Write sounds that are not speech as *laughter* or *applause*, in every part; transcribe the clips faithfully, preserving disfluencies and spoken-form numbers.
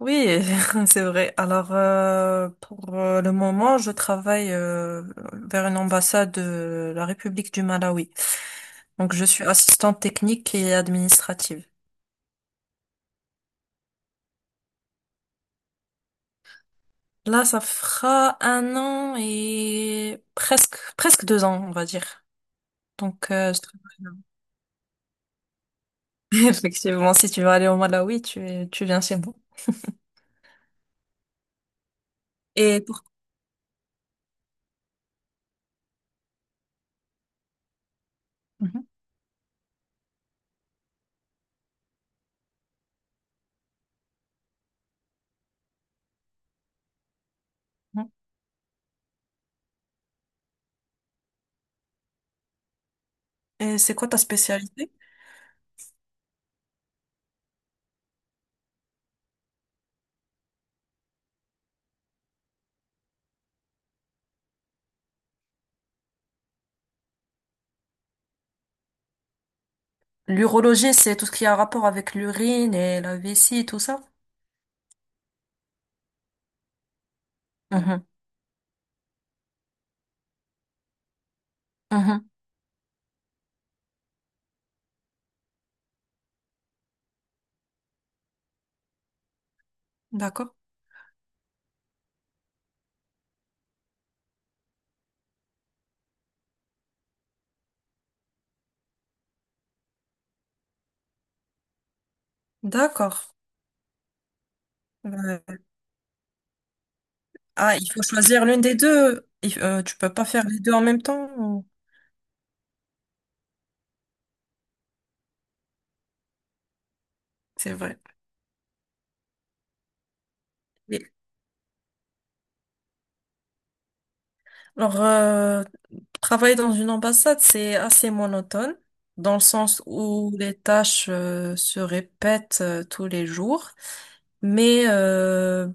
Oui, *laughs* c'est vrai. Alors, euh, pour euh, le moment, je travaille euh, vers une ambassade de la République du Malawi. Donc, je suis assistante technique et administrative. Là, ça fera un an et presque, presque deux ans, on va dire. Donc, euh, je travaille là. *laughs* Effectivement, si tu veux aller au Malawi, tu, tu viens chez moi. Et pour, et c'est quoi ta spécialité? L'urologie, c'est tout ce qui a rapport avec l'urine et la vessie et tout ça? Mhm. Mhm. D'accord. D'accord. Ouais. Ah, il faut choisir l'une des deux. Il- euh, tu peux pas faire les deux en même temps. Ou- c'est vrai. Oui. Alors, euh, travailler dans une ambassade, c'est assez monotone, dans le sens où les tâches euh, se répètent euh, tous les jours. Mais euh,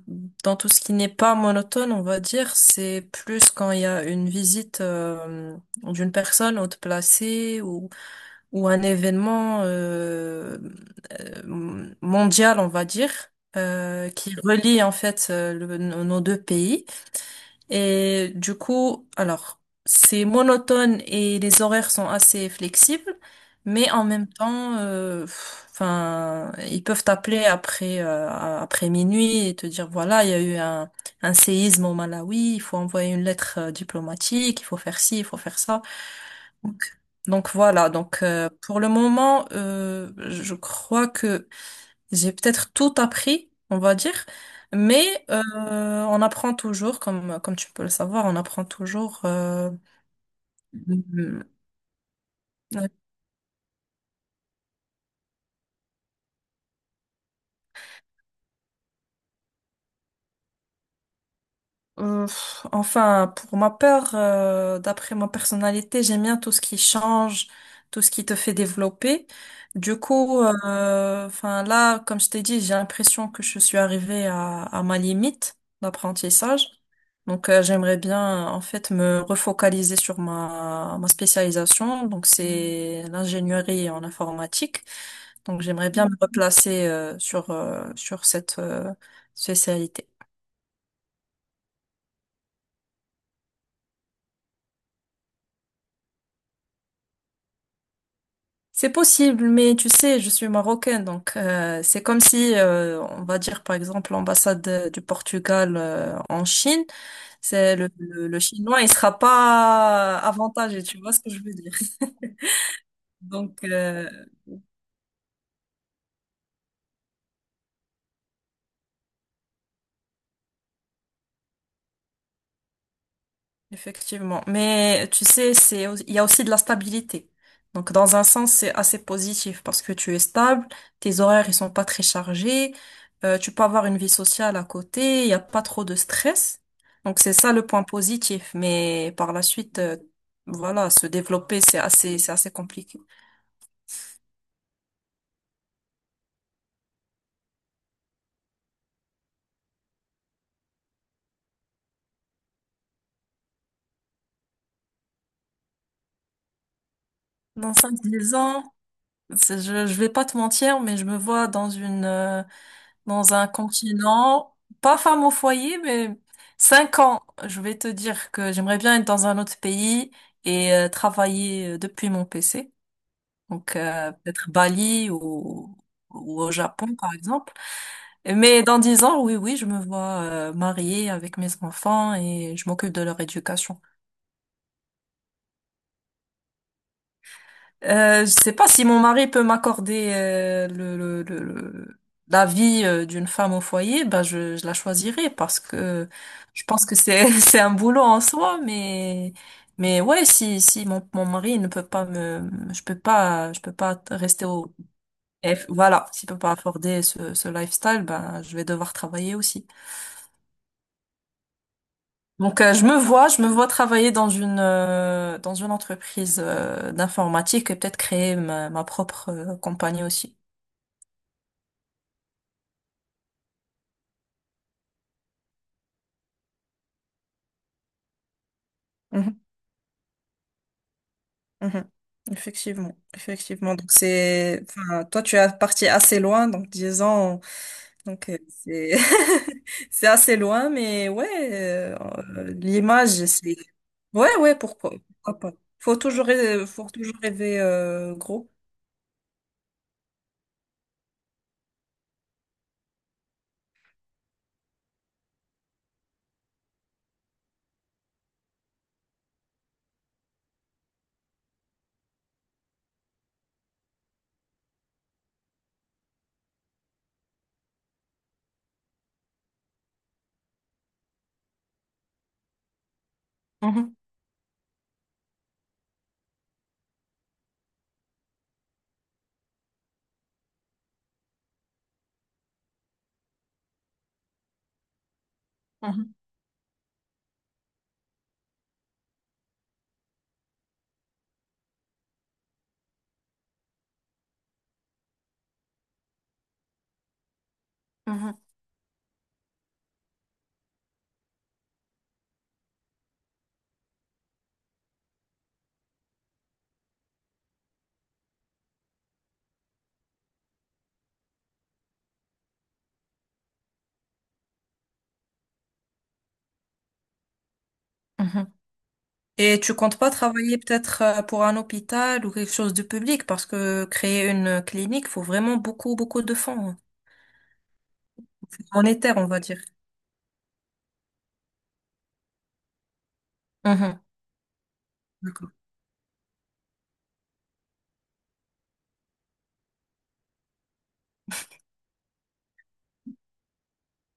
dans tout ce qui n'est pas monotone, on va dire, c'est plus quand il y a une visite euh, d'une personne haute placée ou, ou un événement. Euh, euh, mondiale, on va dire, euh, qui relie en fait euh, le- nos nos deux pays. Et du coup, alors, c'est monotone et les horaires sont assez flexibles, mais en même temps, euh, pff, enfin, ils peuvent t'appeler après euh, après minuit et te dire voilà, il y a eu un, un séisme au Malawi, il faut envoyer une lettre euh, diplomatique, il faut faire ci, il faut faire ça. Donc, donc voilà, donc euh, pour le moment, euh, je crois que j'ai peut-être tout appris, on va dire, mais euh, on apprend toujours, comme, comme tu peux le savoir, on apprend toujours. euh, euh, euh, enfin, pour ma part, euh, d'après ma personnalité, j'aime bien tout ce qui change, tout ce qui te fait développer. Du coup, euh, enfin là, comme je t'ai dit, j'ai l'impression que je suis arrivée à, à ma limite d'apprentissage. Donc, euh, j'aimerais bien, en fait, me refocaliser sur ma, ma spécialisation. Donc, c'est l'ingénierie en informatique. Donc, j'aimerais bien me replacer, euh, sur, euh, sur cette, euh, spécialité. C'est possible, mais tu sais, je suis marocaine, donc euh, c'est comme si, euh, on va dire par exemple l'ambassade euh, du Portugal euh, en Chine, c'est le, le, le chinois, il sera pas avantagé, tu vois ce que je veux dire. Donc, euh, effectivement. Mais tu sais, c'est, il y a aussi de la stabilité. Donc, dans un sens, c'est assez positif parce que tu es stable, tes horaires, ils sont pas très chargés, euh, tu peux avoir une vie sociale à côté, il n'y a pas trop de stress. Donc, c'est ça le point positif. Mais par la suite, euh, voilà, se développer, c'est assez, c'est assez compliqué. Dans cinq dix ans, c'est- je, je vais pas te mentir, mais je me vois dans une, euh, dans un continent, pas femme au foyer, mais cinq ans. Je vais te dire que j'aimerais bien être dans un autre pays et euh, travailler euh, depuis mon P C. Donc euh, peut-être Bali ou, ou au Japon, par exemple. Mais dans dix ans, oui, oui, je me vois euh, mariée avec mes enfants et je m'occupe de leur éducation. Euh, je sais pas si mon mari peut m'accorder euh, le, le, le- le- la vie euh, d'une femme au foyer, ben je, je la choisirais parce que je pense que c'est *laughs* c'est un boulot en soi, mais mais ouais si si mon, mon mari ne peut pas me je peux pas je peux pas rester au F voilà s'il peut pas afforder ce, ce lifestyle ben je vais devoir travailler aussi. Donc euh, je me vois je me vois travailler dans une euh, dans une entreprise euh, d'informatique et peut-être créer ma, ma propre euh, compagnie aussi. Mhm, mhm. Effectivement, effectivement. Donc c'est, enfin, toi tu es parti assez loin, donc dix ans, donc euh, c'est *laughs* c'est assez loin, mais ouais, euh, euh, l'image c'est, ouais ouais pourquoi, pourquoi pas. Faut toujours rêver, faut toujours rêver euh, gros. Mhm, mhm, mhm, mhm. Et tu comptes pas travailler peut-être euh, pour un hôpital ou quelque chose de public parce que créer une clinique faut vraiment beaucoup beaucoup de fonds, hein. Monétaire on va dire. Mhm.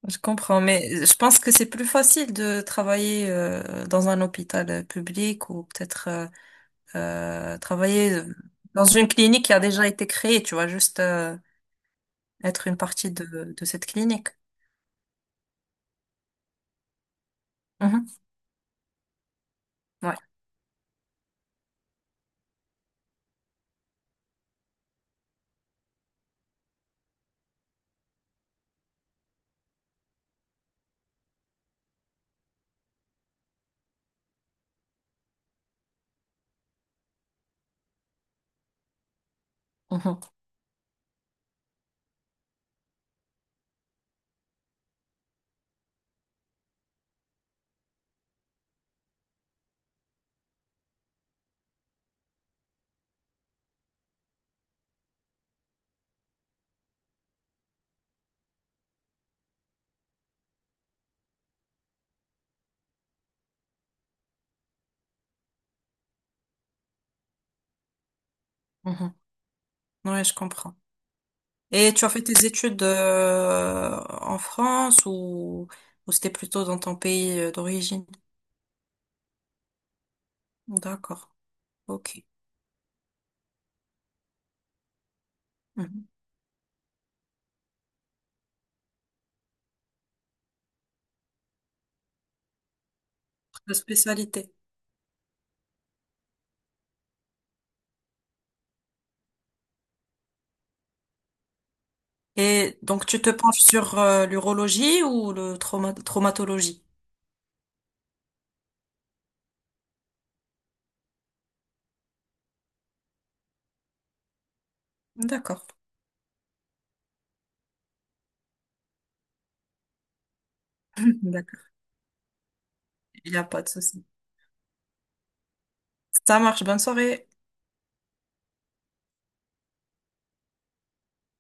Je comprends, mais je pense que c'est plus facile de travailler euh, dans un hôpital euh, public ou peut-être euh, euh, travailler euh, dans une clinique qui a déjà été créée, tu vois, juste euh, être une partie de, de cette clinique. Mhm. Ouais. Mhm. Mhm. Ouais, je comprends. Et tu as fait tes études euh, en France ou, ou c'était plutôt dans ton pays euh, d'origine? D'accord. Ok. Mhm. La spécialité. Et donc, tu te penches sur euh, l'urologie ou le trauma- traumatologie? D'accord. D'accord. Il n'y a pas de souci. Ça marche. Bonne soirée.